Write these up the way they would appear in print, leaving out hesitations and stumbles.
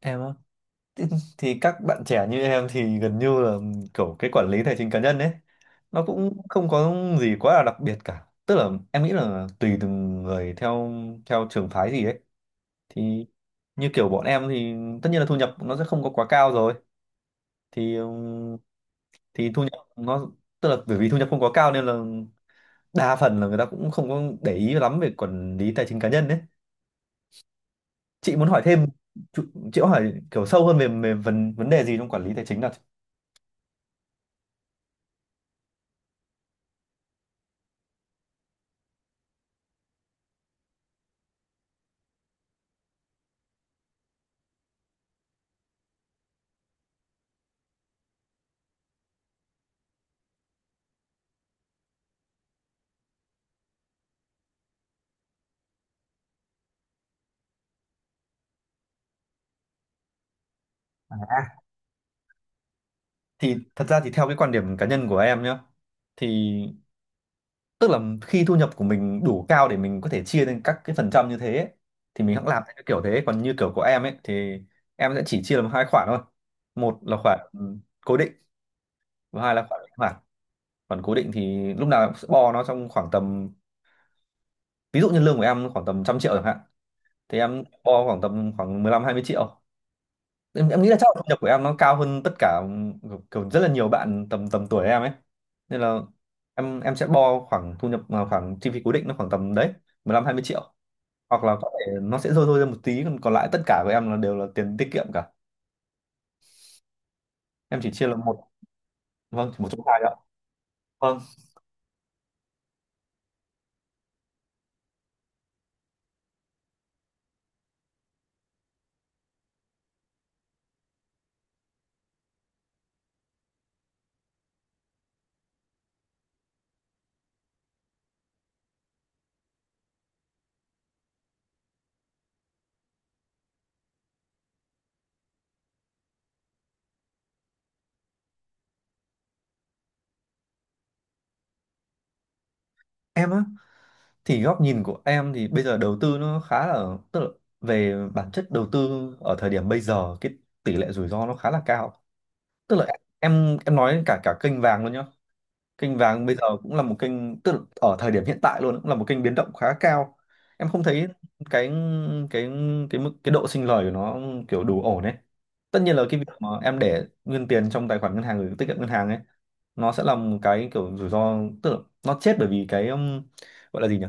Em á? thì, thì các bạn trẻ như em thì gần như là kiểu cái quản lý tài chính cá nhân ấy nó cũng không có gì quá là đặc biệt cả, tức là em nghĩ là tùy từng người theo theo trường phái gì ấy. Thì như kiểu bọn em thì tất nhiên là thu nhập nó sẽ không có quá cao rồi. Thì ừm, thì thu nhập nó, tức là bởi vì thu nhập không quá cao nên là đa phần là người ta cũng không có để ý lắm về quản lý tài chính cá nhân đấy. Chị muốn hỏi thêm? Chị chị có hỏi kiểu sâu hơn về vấn vấn đề gì trong quản lý tài chính nào? À, thì thật ra thì theo cái quan điểm cá nhân của em nhá, thì tức là khi thu nhập của mình đủ cao để mình có thể chia lên các cái phần trăm như thế ấy, thì mình hẵng làm theo cái kiểu thế. Còn như kiểu của em ấy thì em sẽ chỉ chia làm hai khoản thôi. Một là khoản cố định, và hai là khoản linh hoạt. Khoản cố định thì lúc nào em cũng sẽ bo nó trong khoảng tầm, ví dụ như lương của em khoảng tầm 100 triệu chẳng hạn, thì em bo khoảng tầm khoảng 15-20 triệu. Em nghĩ là chắc là thu nhập của em nó cao hơn tất cả kiểu rất là nhiều bạn tầm tầm tuổi em ấy, nên là em sẽ bo khoảng thu nhập à, khoảng chi phí cố định nó khoảng tầm đấy 15-20 triệu. Hoặc là có thể nó sẽ rơi rơi ra một tí, còn còn lại tất cả của em là đều là tiền tiết kiệm cả. Em chỉ chia là một... Vâng, chỉ một trong hai đó. Vâng. Em á? Thì góc nhìn của em thì bây giờ đầu tư nó khá là, tức là về bản chất đầu tư ở thời điểm bây giờ cái tỷ lệ rủi ro nó khá là cao. Tức là em nói cả cả kênh vàng luôn nhá. Kênh vàng bây giờ cũng là một kênh, tức là ở thời điểm hiện tại luôn cũng là một kênh biến động khá cao. Em không thấy cái cái cái độ sinh lời của nó kiểu đủ ổn ấy. Tất nhiên là cái việc mà em để nguyên tiền trong tài khoản ngân hàng gửi tiết kiệm ngân hàng ấy, nó sẽ là một cái kiểu rủi ro, tức là nó chết bởi vì cái gọi là gì nhỉ,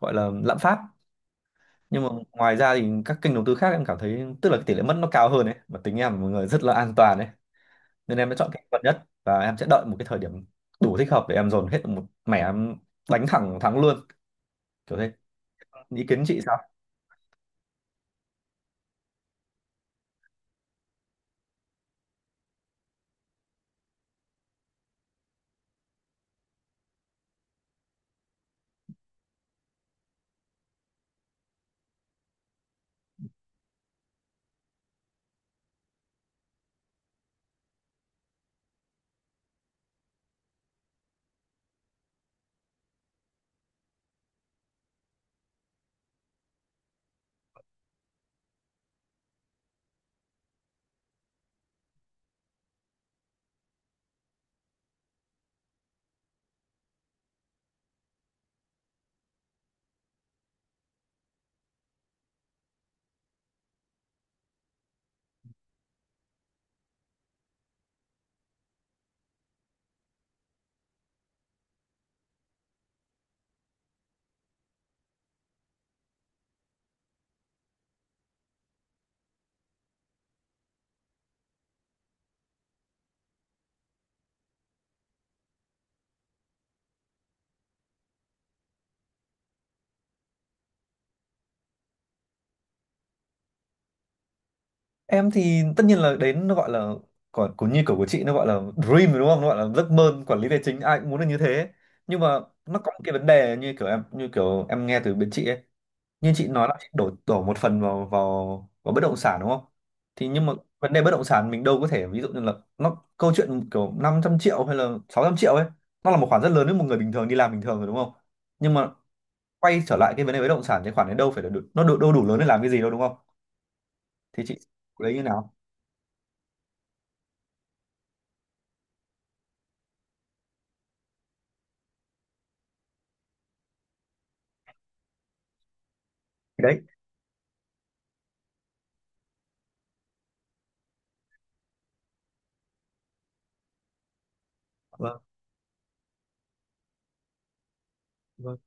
gọi là lạm phát. Nhưng mà ngoài ra thì các kênh đầu tư khác em cảm thấy tức là cái tỷ lệ mất nó cao hơn ấy, và tính em là một người rất là an toàn ấy, nên em đã chọn cái vật nhất, và em sẽ đợi một cái thời điểm đủ thích hợp để em dồn hết một mẻ, em đánh thẳng thắng luôn, kiểu thế. Ý kiến chị sao? Em thì tất nhiên là đến nó gọi là, còn cũng như kiểu của chị nó gọi là dream rồi đúng không, nó gọi là giấc mơ quản lý tài chính, ai cũng muốn được như thế. Nhưng mà nó có một cái vấn đề như kiểu em nghe từ bên chị ấy, như chị nói là chị đổ đổ một phần vào vào vào bất động sản đúng không? Thì nhưng mà vấn đề bất động sản mình đâu có thể, ví dụ như là nó, câu chuyện kiểu 500 triệu hay là 600 triệu ấy, nó là một khoản rất lớn với một người bình thường đi làm bình thường rồi đúng không? Nhưng mà quay trở lại cái vấn đề bất động sản, cái khoản đấy đâu phải là đủ, nó đủ, đâu đủ lớn để làm cái gì đâu đúng không? Thì chị lấy như nào? Đấy. Vâng. Vâng.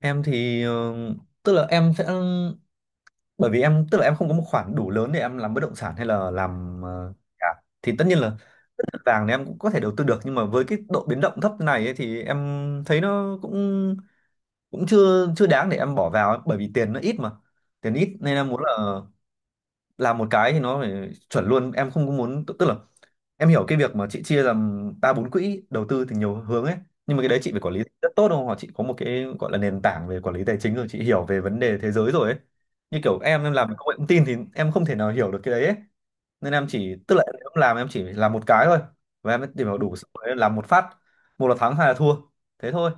Em thì ờ, tức là em sẽ, bởi vì em tức là em không có một khoản đủ lớn để em làm bất động sản hay là làm ờ, nhà. Thì tất nhiên là vàng thì em cũng có thể đầu tư được, nhưng mà với cái độ biến động thấp này ấy, thì em thấy nó cũng cũng chưa chưa đáng để em bỏ vào ấy, bởi vì tiền nó ít mà. Tiền ít nên em muốn là làm một cái thì nó phải chuẩn luôn, em không có muốn, tức là em hiểu cái việc mà chị chia làm ba bốn quỹ đầu tư thì nhiều hướng ấy, nhưng mà cái đấy chị phải quản lý rất tốt đúng không, hoặc chị có một cái gọi là nền tảng về quản lý tài chính rồi, chị hiểu về vấn đề thế giới rồi ấy. Như kiểu em làm công nghệ thông tin thì em không thể nào hiểu được cái đấy ấy, nên em chỉ, tức là em làm, em chỉ làm một cái thôi, và em tìm hiểu đủ xong rồi em làm một phát. Một là thắng hai là thua, thế thôi.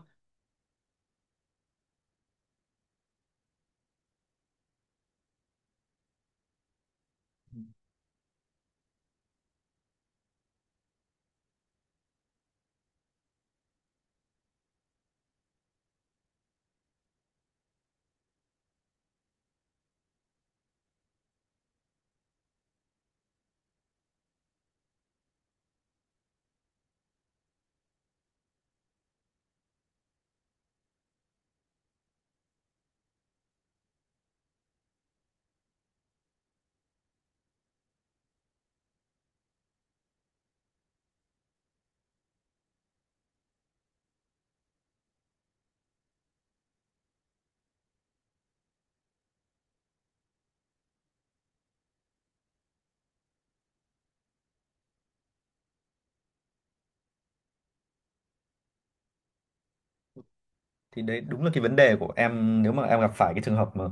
Thì đấy đúng là cái vấn đề của em nếu mà em gặp phải cái trường hợp mà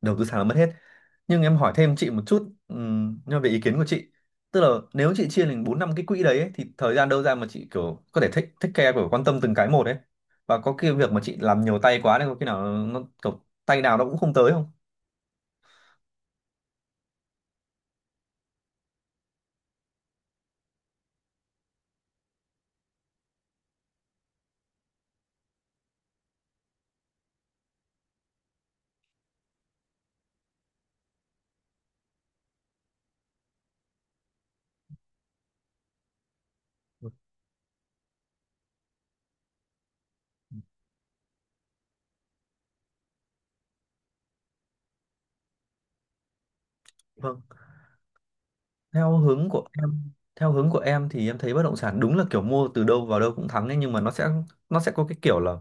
đầu tư sàn là mất hết. Nhưng em hỏi thêm chị một chút nhưng mà về ý kiến của chị, tức là nếu chị chia thành bốn năm cái quỹ đấy ấy, thì thời gian đâu ra mà chị kiểu có thể thích thích care kiểu quan tâm từng cái một ấy, và có cái việc mà chị làm nhiều tay quá nên có khi nào nó kiểu tay nào nó cũng không tới không? Vâng. Theo hướng của em, theo hướng của em thì em thấy bất động sản đúng là kiểu mua từ đâu vào đâu cũng thắng ấy, nhưng mà nó sẽ, nó sẽ có cái kiểu là,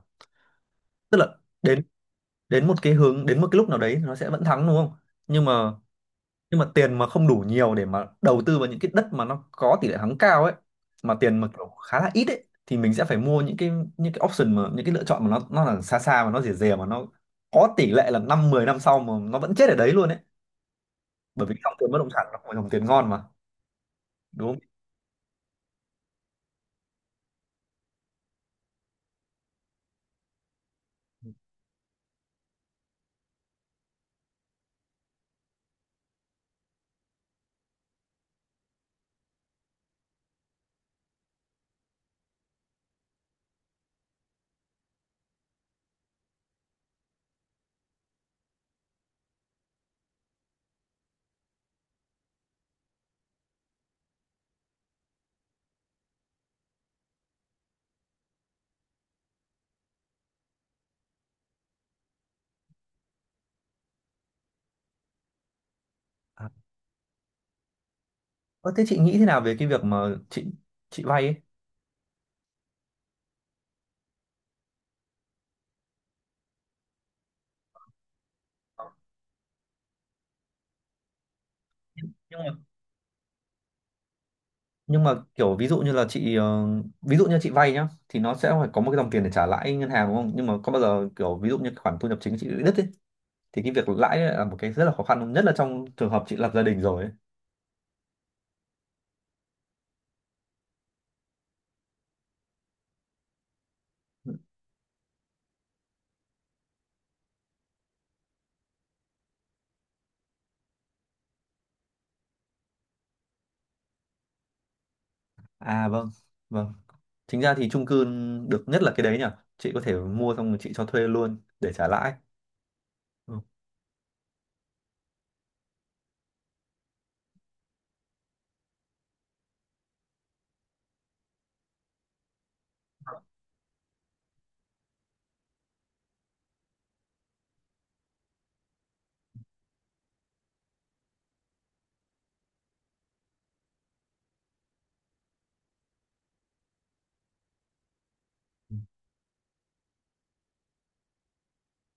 tức là đến đến một cái hướng, đến một cái lúc nào đấy thì nó sẽ vẫn thắng đúng không? Nhưng mà nhưng mà tiền mà không đủ nhiều để mà đầu tư vào những cái đất mà nó có tỷ lệ thắng cao ấy, mà tiền mà kiểu khá là ít ấy, thì mình sẽ phải mua những cái, những cái option, mà những cái lựa chọn mà nó là xa xa mà nó rẻ rẻ, mà nó có tỷ lệ là 5-10 năm sau mà nó vẫn chết ở đấy luôn ấy, bởi vì dòng tiền bất động sản nó không phải dòng tiền ngon mà, đúng không? Ơ, thế chị nghĩ thế nào về cái việc mà chị vay ấy? Nhưng mà, nhưng mà kiểu ví dụ như là chị ờ, ví dụ như chị vay nhá, thì nó sẽ phải có một cái dòng tiền để trả lãi ngân hàng đúng không? Nhưng mà có bao giờ kiểu ví dụ như khoản thu nhập chính chị bị đứt ấy, thì cái việc lãi ấy là một cái rất là khó khăn không? Nhất là trong trường hợp chị lập gia đình rồi ấy. À vâng, vâng. Chính ra thì chung cư được nhất là cái đấy nhỉ. Chị có thể mua xong rồi chị cho thuê luôn để trả lãi. Ừ.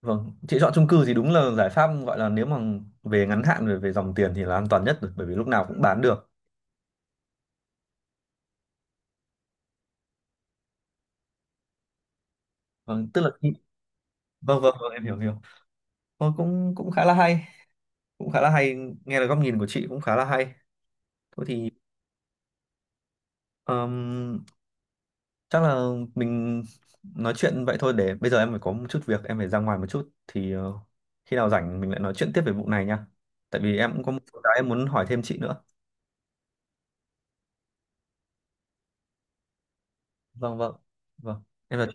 Vâng, chị chọn chung cư thì đúng là giải pháp, gọi là nếu mà về ngắn hạn, về về dòng tiền thì là an toàn nhất rồi, bởi vì lúc nào cũng bán được. Vâng tức là khi- Vâng, vâng, vâng, em hiểu, hiểu. Ờ, cũng cũng khá là hay, cũng khá là hay, nghe được góc nhìn của chị cũng khá là hay. Thôi thì, ờm, chắc là mình nói chuyện vậy thôi, để bây giờ em phải có một chút việc, em phải ra ngoài một chút, thì ờ, khi nào rảnh mình lại nói chuyện tiếp về vụ này nha, tại vì em cũng có một số cái em muốn hỏi thêm chị nữa. Vâng, vâng, vâng, em là